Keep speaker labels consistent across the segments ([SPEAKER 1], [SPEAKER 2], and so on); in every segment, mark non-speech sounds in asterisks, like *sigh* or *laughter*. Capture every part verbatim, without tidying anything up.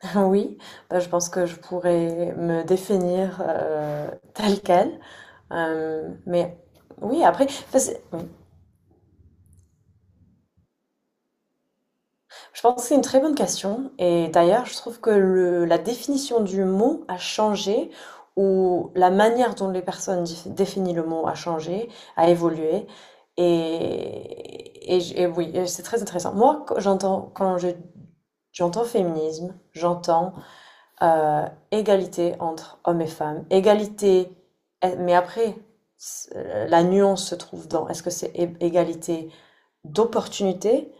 [SPEAKER 1] Enfin, oui, bah, je pense que je pourrais me définir euh, telle quelle. Euh, mais oui, après, enfin, c'est- oui. Je pense que c'est une très bonne question. Et d'ailleurs, je trouve que le- la définition du mot a changé, ou la manière dont les personnes dif- définissent le mot a changé, a évolué. Et, et j- et oui, et c'est très intéressant. Moi, quand j'entends, quand je- j'entends féminisme, j'entends euh, égalité entre hommes et femmes, égalité, eh, mais après, euh, la nuance se trouve dans est-ce que c'est égalité d'opportunité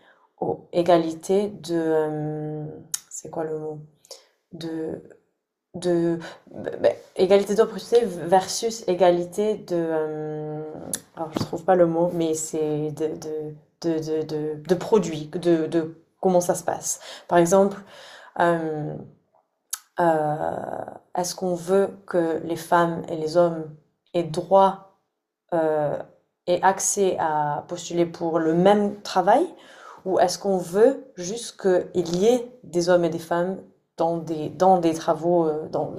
[SPEAKER 1] ou égalité de... euh, c'est quoi le mot? De... de ben, ben, égalité d'opportunité versus égalité de... euh, alors, je trouve pas le mot, mais c'est de, de, de, de, de, de produits, de, de comment ça se passe. Par exemple, euh, euh, est-ce qu'on veut que les femmes et les hommes aient droit euh, et accès à postuler pour le même travail, ou est-ce qu'on veut juste qu'il y ait des hommes et des femmes dans des, dans des travaux, euh, dans,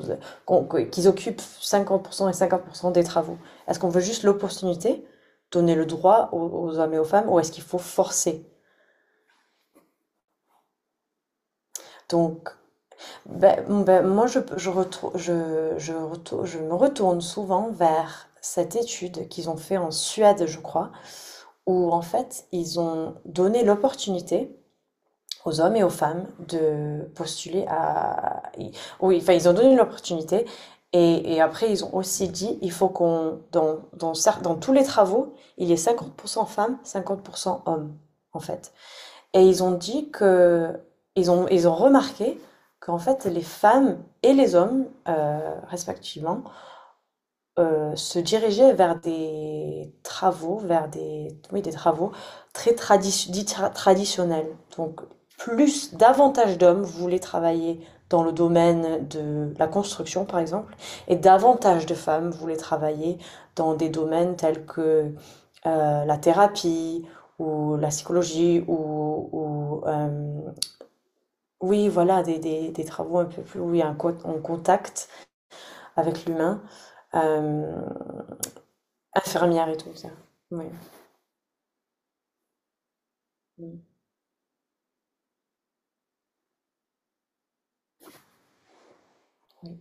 [SPEAKER 1] qu'on- que- qu'ils occupent cinquante pour cent et cinquante pour cent des travaux? Est-ce qu'on veut juste l'opportunité, donner le droit aux, aux hommes et aux femmes, ou est-ce qu'il faut forcer? Donc, Ben, ben, moi, je, je, retrou- je, je, retou- je me retourne souvent vers cette étude qu'ils ont fait en Suède, je crois, où en fait, ils ont donné l'opportunité aux hommes et aux femmes de postuler à... Oui, enfin, ils ont donné l'opportunité, et, et après, ils ont aussi dit, il faut qu'on, dans, dans, cer- dans tous les travaux, il y ait cinquante pour cent femmes, cinquante pour cent hommes, en fait. Et ils ont dit que ils ont ils ont remarqué qu'en fait les femmes et les hommes, heu, respectivement, heu, se dirigeaient vers des travaux, vers des oui, des travaux très traditio dits tra traditionnels. Donc plus davantage d'hommes voulaient travailler dans le domaine de la construction, par exemple, et davantage de femmes voulaient travailler dans des domaines tels que euh, la thérapie ou la psychologie, ou, ou, euh, oui voilà, des, des- des travaux un peu plus où il y a un co- en contact avec l'humain, euh, infirmière et tout ça, oui. Mm. Oui.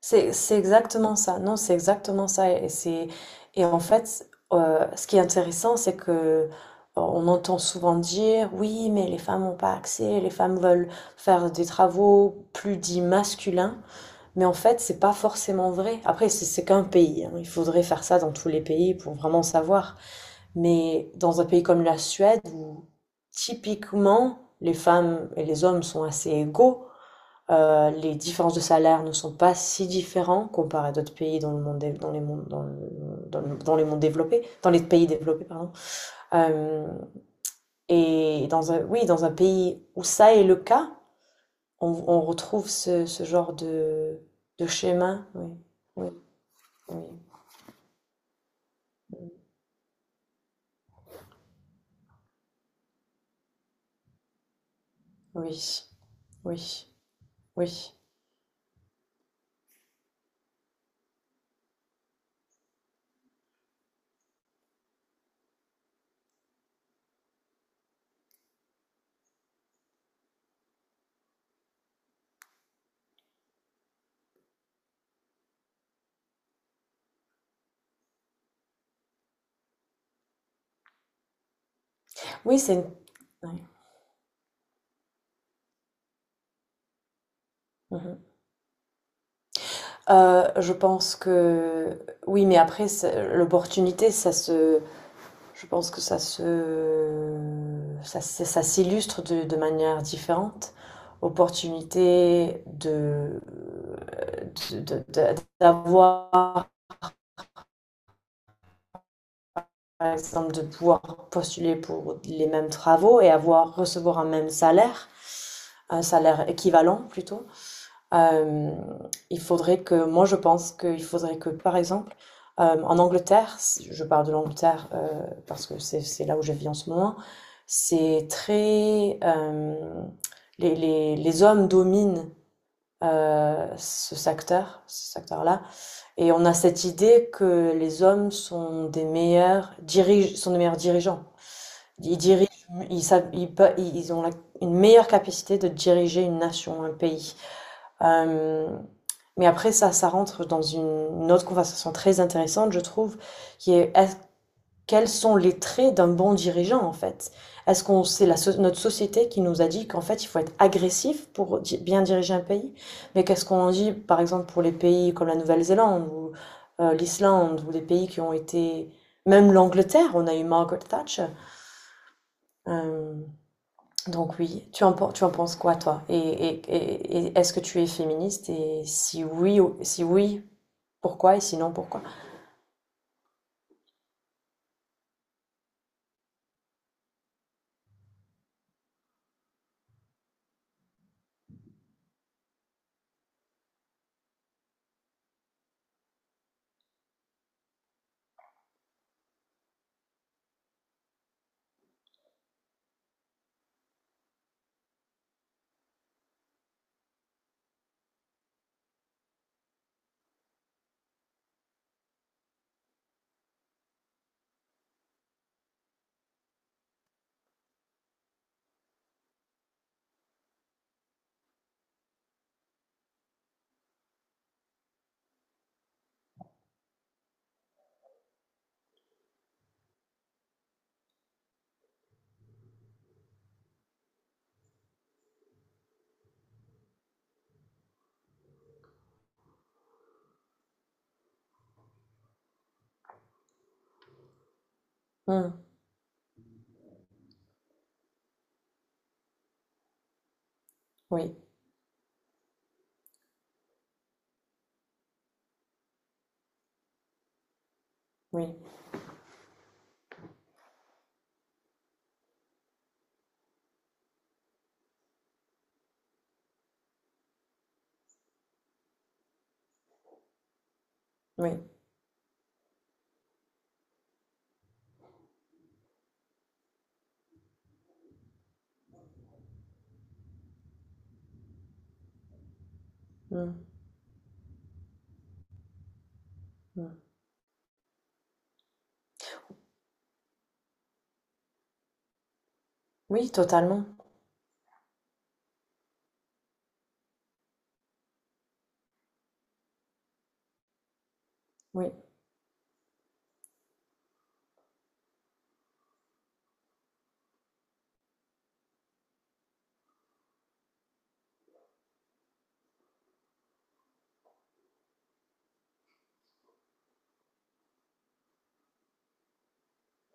[SPEAKER 1] c'est c'est exactement ça, non, c'est exactement ça, et c'est et en fait euh, ce qui est intéressant, c'est que euh, on entend souvent dire, oui, mais les femmes n'ont pas accès, les femmes veulent faire des travaux plus dits masculins. Mais en fait, c'est pas forcément vrai. Après, c'est- c'est qu'un pays, hein. Il faudrait faire ça dans tous les pays pour vraiment savoir. Mais dans un pays comme la Suède, où typiquement les femmes et les hommes sont assez égaux, euh, les différences de salaire ne sont pas si différentes comparées à d'autres pays dans le monde, dans les mondes, dans le- dans le- dans les mondes développés, dans les pays développés, pardon. Euh, et dans un, oui, dans un pays où ça est le cas, on, on retrouve ce, ce genre de, de schéma. Oui. Oui. Oui, oui, oui, oui. Oui, c'est une... ouais. Mhm. Euh, je pense que... Oui, mais après, c'est- l'opportunité, ça se... Je pense que ça se... Ça, se- ça s'illustre de, de manière différente. Opportunité de, de- de- de- d'avoir, par exemple, de pouvoir postuler pour les mêmes travaux et avoir, recevoir un même salaire, un salaire équivalent plutôt. Hem, il faudrait que, moi je pense qu'il faudrait que par exemple, hem, en Angleterre, je parle de l'Angleterre, heu, parce que c'est c'est là où je vis en ce moment. C'est très, hem, les les les hommes dominent, heu, ce secteur ce secteur-là, et on a cette idée que les hommes sont des meilleurs dirige sont des meilleurs dirigeants. Ils dirigent, ils savent ils pe ils ont la une meilleure capacité de diriger une nation, un pays. Hem Mais après ça, ça rentre dans une autre conversation très intéressante, je trouve, qui est, est quels sont les traits d'un bon dirigeant, en fait? Est-ce qu'on c'est la so- notre société qui nous a dit qu'en fait il faut être agressif pour di- bien diriger un pays? Mais qu'est-ce qu'on dit par exemple pour les pays comme la Nouvelle-Zélande, ou euh, l'Islande, ou des pays qui ont été, même l'Angleterre, on a eu Margaret Thatcher. Euh, donc oui, tu en, pen- tu en penses quoi, toi? Et, et- et- et est-ce que tu es féministe? Et si oui, ou- si oui, pourquoi, et sinon pourquoi? Mmh. Oui, oui, oui. Mmh, mmh. Oui, totalement. Oui,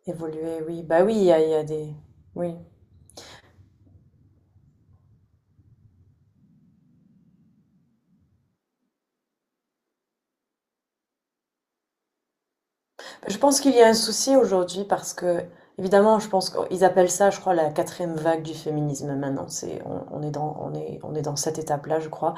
[SPEAKER 1] évoluer, oui. Bah oui, il y a, il y a des. Oui. Je pense qu'il y a un souci aujourd'hui parce que, évidemment, je pense qu'ils appellent ça, je crois, la quatrième vague du féminisme maintenant. C'est, on, on est dans, on est, on est dans cette étape-là, je crois.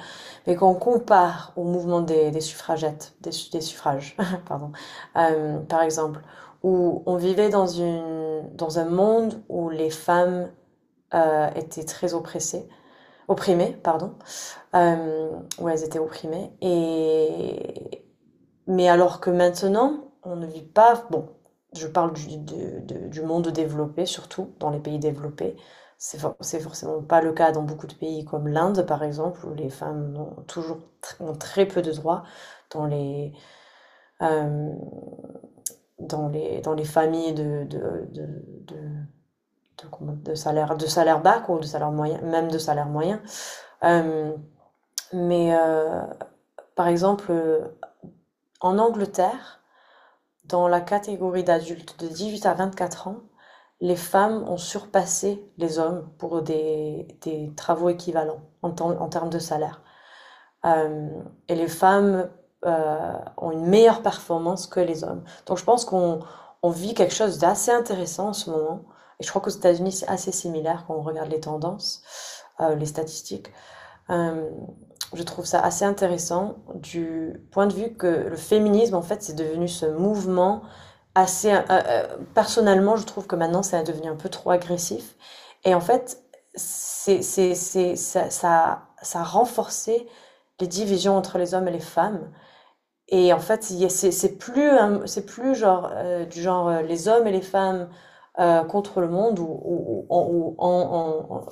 [SPEAKER 1] Mais quand on compare au mouvement des, des suffragettes, des, su- des suffrages, *laughs* pardon, euh, par exemple, où on vivait dans une, dans un monde où les femmes euh, étaient très oppressées, opprimées, pardon. Euh, ouais, elles étaient opprimées. Et... Mais alors que maintenant, on ne vit pas... Bon, je parle du, de- de- du monde développé, surtout dans les pays développés. C'est for- c'est forcément pas le cas dans beaucoup de pays comme l'Inde, par exemple, où les femmes ont toujours tr- ont très peu de droits dans les, euh, dans les, dans les familles de, de, de, de- de, de salaire, de salaire bas, ou de salaire moyen, même de salaire moyen. Euh, mais euh, par exemple, euh, en Angleterre, dans la catégorie d'adultes de dix-huit à vingt-quatre ans, les femmes ont surpassé les hommes pour des, des travaux équivalents en, temps- en termes de salaire. Euh, et les femmes euh, ont une meilleure performance que les hommes. Donc je pense qu'on on vit quelque chose d'assez intéressant en ce moment. Et je crois qu'aux États-Unis, c'est assez similaire quand on regarde les tendances, euh, les statistiques. Euh, je trouve ça assez intéressant du point de vue que le féminisme, en fait, c'est devenu ce mouvement assez... euh, euh, personnellement, je trouve que maintenant, ça a devenu un peu trop agressif. Et en fait, c'est, c'est, c'est, ça, ça, ça a renforcé les divisions entre les hommes et les femmes. Et en fait, c'est c'est plus, un- c'est plus genre, euh, du genre euh, les hommes et les femmes, euh, contre le monde, ou, ou- ou- ou en-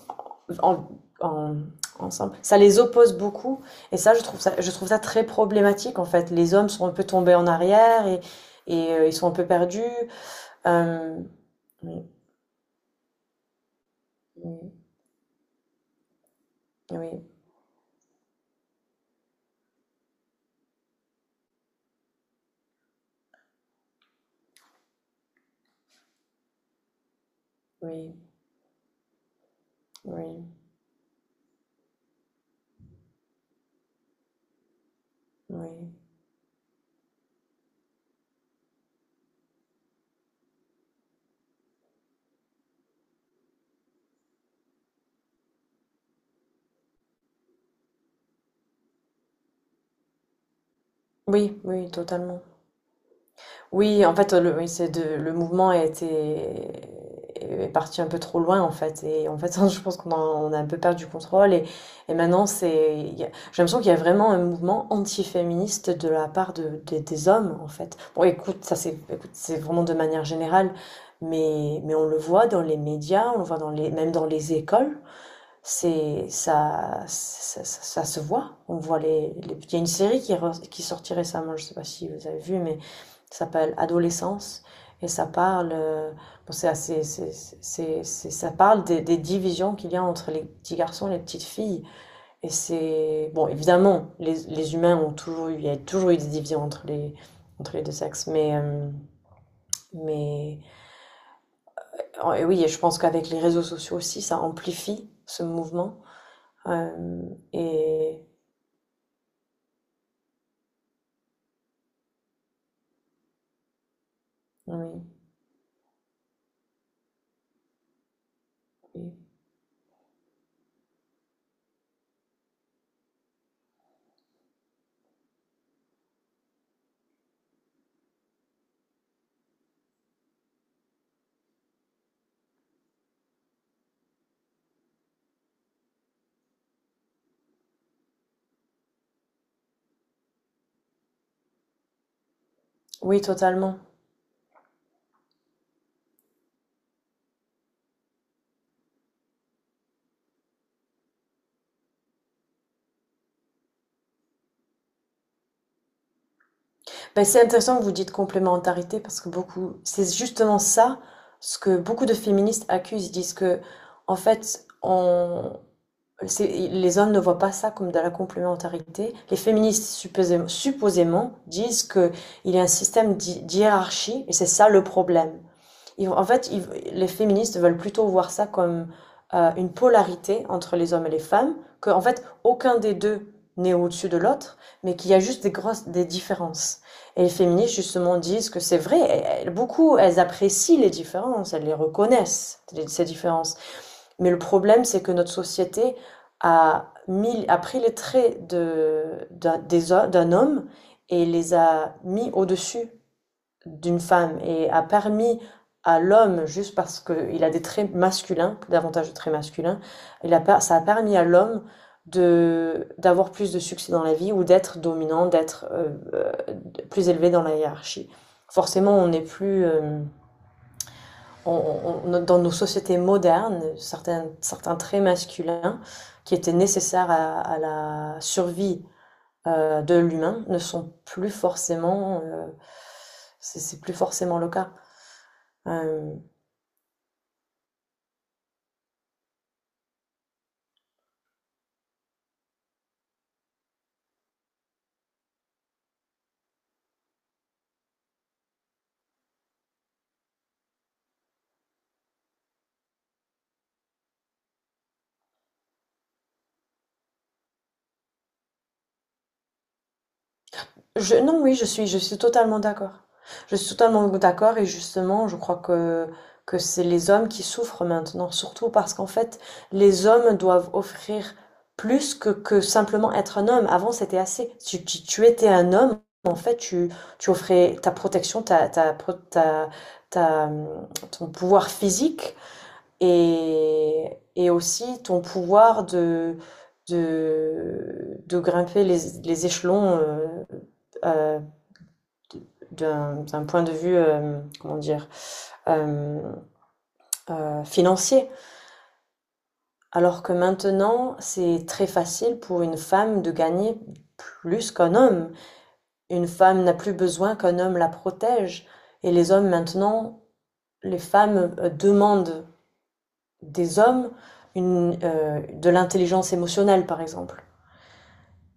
[SPEAKER 1] en- en, en- ensemble. Ça les oppose beaucoup. Et ça, je trouve ça, je trouve ça très problématique, en fait. Les hommes sont un peu tombés en arrière, et, et euh, ils sont un peu perdus. Euh, oui, oui, oui, oui, oui, oui, oui, oui, totalement. Oui, en fait, le, oui, c'est de, le mouvement a été, est parti un peu trop loin, en fait. Et en fait, *laughs* je pense qu'on a, on a un peu perdu contrôle. Et, et maintenant, c'est, il y a- j'ai l'impression qu'il y a vraiment un mouvement anti-féministe de la part de, des des hommes, en fait. Bon, écoute, ça, c'est, écoute, c'est vraiment de manière générale. Mais, mais on le voit dans les médias, on le voit dans les, même dans les écoles, c'est ça, ça, ça, ça se voit. On voit les, les- il y a une série qui, re- qui sortit récemment, je ne sais pas si vous avez vu, mais ça s'appelle Adolescence, et ça parle, euh, bon, c'est assez, c'est, c'est, c'est- ça parle des, des divisions qu'il y a entre les petits garçons et les petites filles. Et c'est bon, évidemment, les, les humains ont toujours eu, il y a toujours eu des divisions entre les entre les deux sexes, mais euh, mais oh, et oui, et je pense qu'avec les réseaux sociaux aussi, ça amplifie ce mouvement. Euh, et oui, oui. Oui, totalement. Ben, c'est intéressant que vous dites complémentarité, parce que beaucoup, c'est justement ça ce que beaucoup de féministes accusent. Ils disent que, en fait, on, c'est- les hommes ne voient pas ça comme de la complémentarité. Les féministes supposément, supposément disent que il y a un système d'hi- d'hiérarchie, et c'est ça le problème. Ils en fait, ils- les féministes veulent plutôt voir ça comme euh, une polarité entre les hommes et les femmes, que en fait aucun des deux n'est au-dessus de l'autre, mais qu'il y a juste des grosses des différences. Et les féministes justement disent que c'est vrai, elles- elles- beaucoup elles apprécient les différences, elles les reconnaissent, les- ces différences. Mais le problème, c'est que notre société a mis, a pris les traits de d'un des ho- d'un homme et les a mis au-dessus d'une femme, et a permis à l'homme, juste parce qu'il a des traits masculins, davantage de traits masculins, il a, ça a permis à l'homme de d'avoir plus de succès dans la vie, ou d'être dominant, d'être euh, euh, plus élevé dans la hiérarchie. Forcément, on n'est plus euh, on- on- dans nos sociétés modernes, certains, certains traits masculins qui étaient nécessaires à, à la survie euh, de l'humain ne sont plus forcément, euh, c'est c'est plus forcément le cas. Euh, je, non, oui, je suis, je suis totalement d'accord. Je suis totalement d'accord, et justement, je crois que, que c'est les hommes qui souffrent maintenant, surtout parce qu'en fait, les hommes doivent offrir plus que, que simplement être un homme. Avant, c'était assez. Si tu, tu étais un homme, en fait, tu, tu offrais ta protection, ta, ta, pro- ta, ta, hum, ton pouvoir physique, et, et aussi ton pouvoir de, de, de grimper les, les échelons, euh, euh, d'un d'un point de vue, euh, comment dire, euh, euh, financier. Alors que maintenant, c'est très facile pour une femme de gagner plus qu'un homme. Une femme n'a plus besoin qu'un homme la protège. Et les hommes maintenant, les femmes euh, demandent des hommes une, euh, de l'intelligence émotionnelle, par exemple.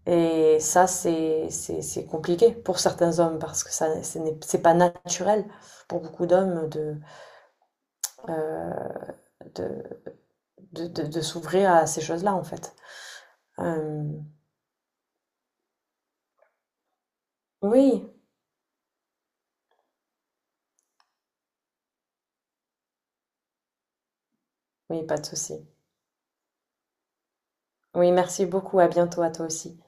[SPEAKER 1] Et ça, c'est c'est- c'est compliqué pour certains hommes parce que ça, ce n'est- c'est pas naturel pour beaucoup d'hommes de, euh, de, de, de, de s'ouvrir à ces choses-là, en fait. Euh, oui, oui, pas de souci. Oui, merci beaucoup. À bientôt à toi aussi.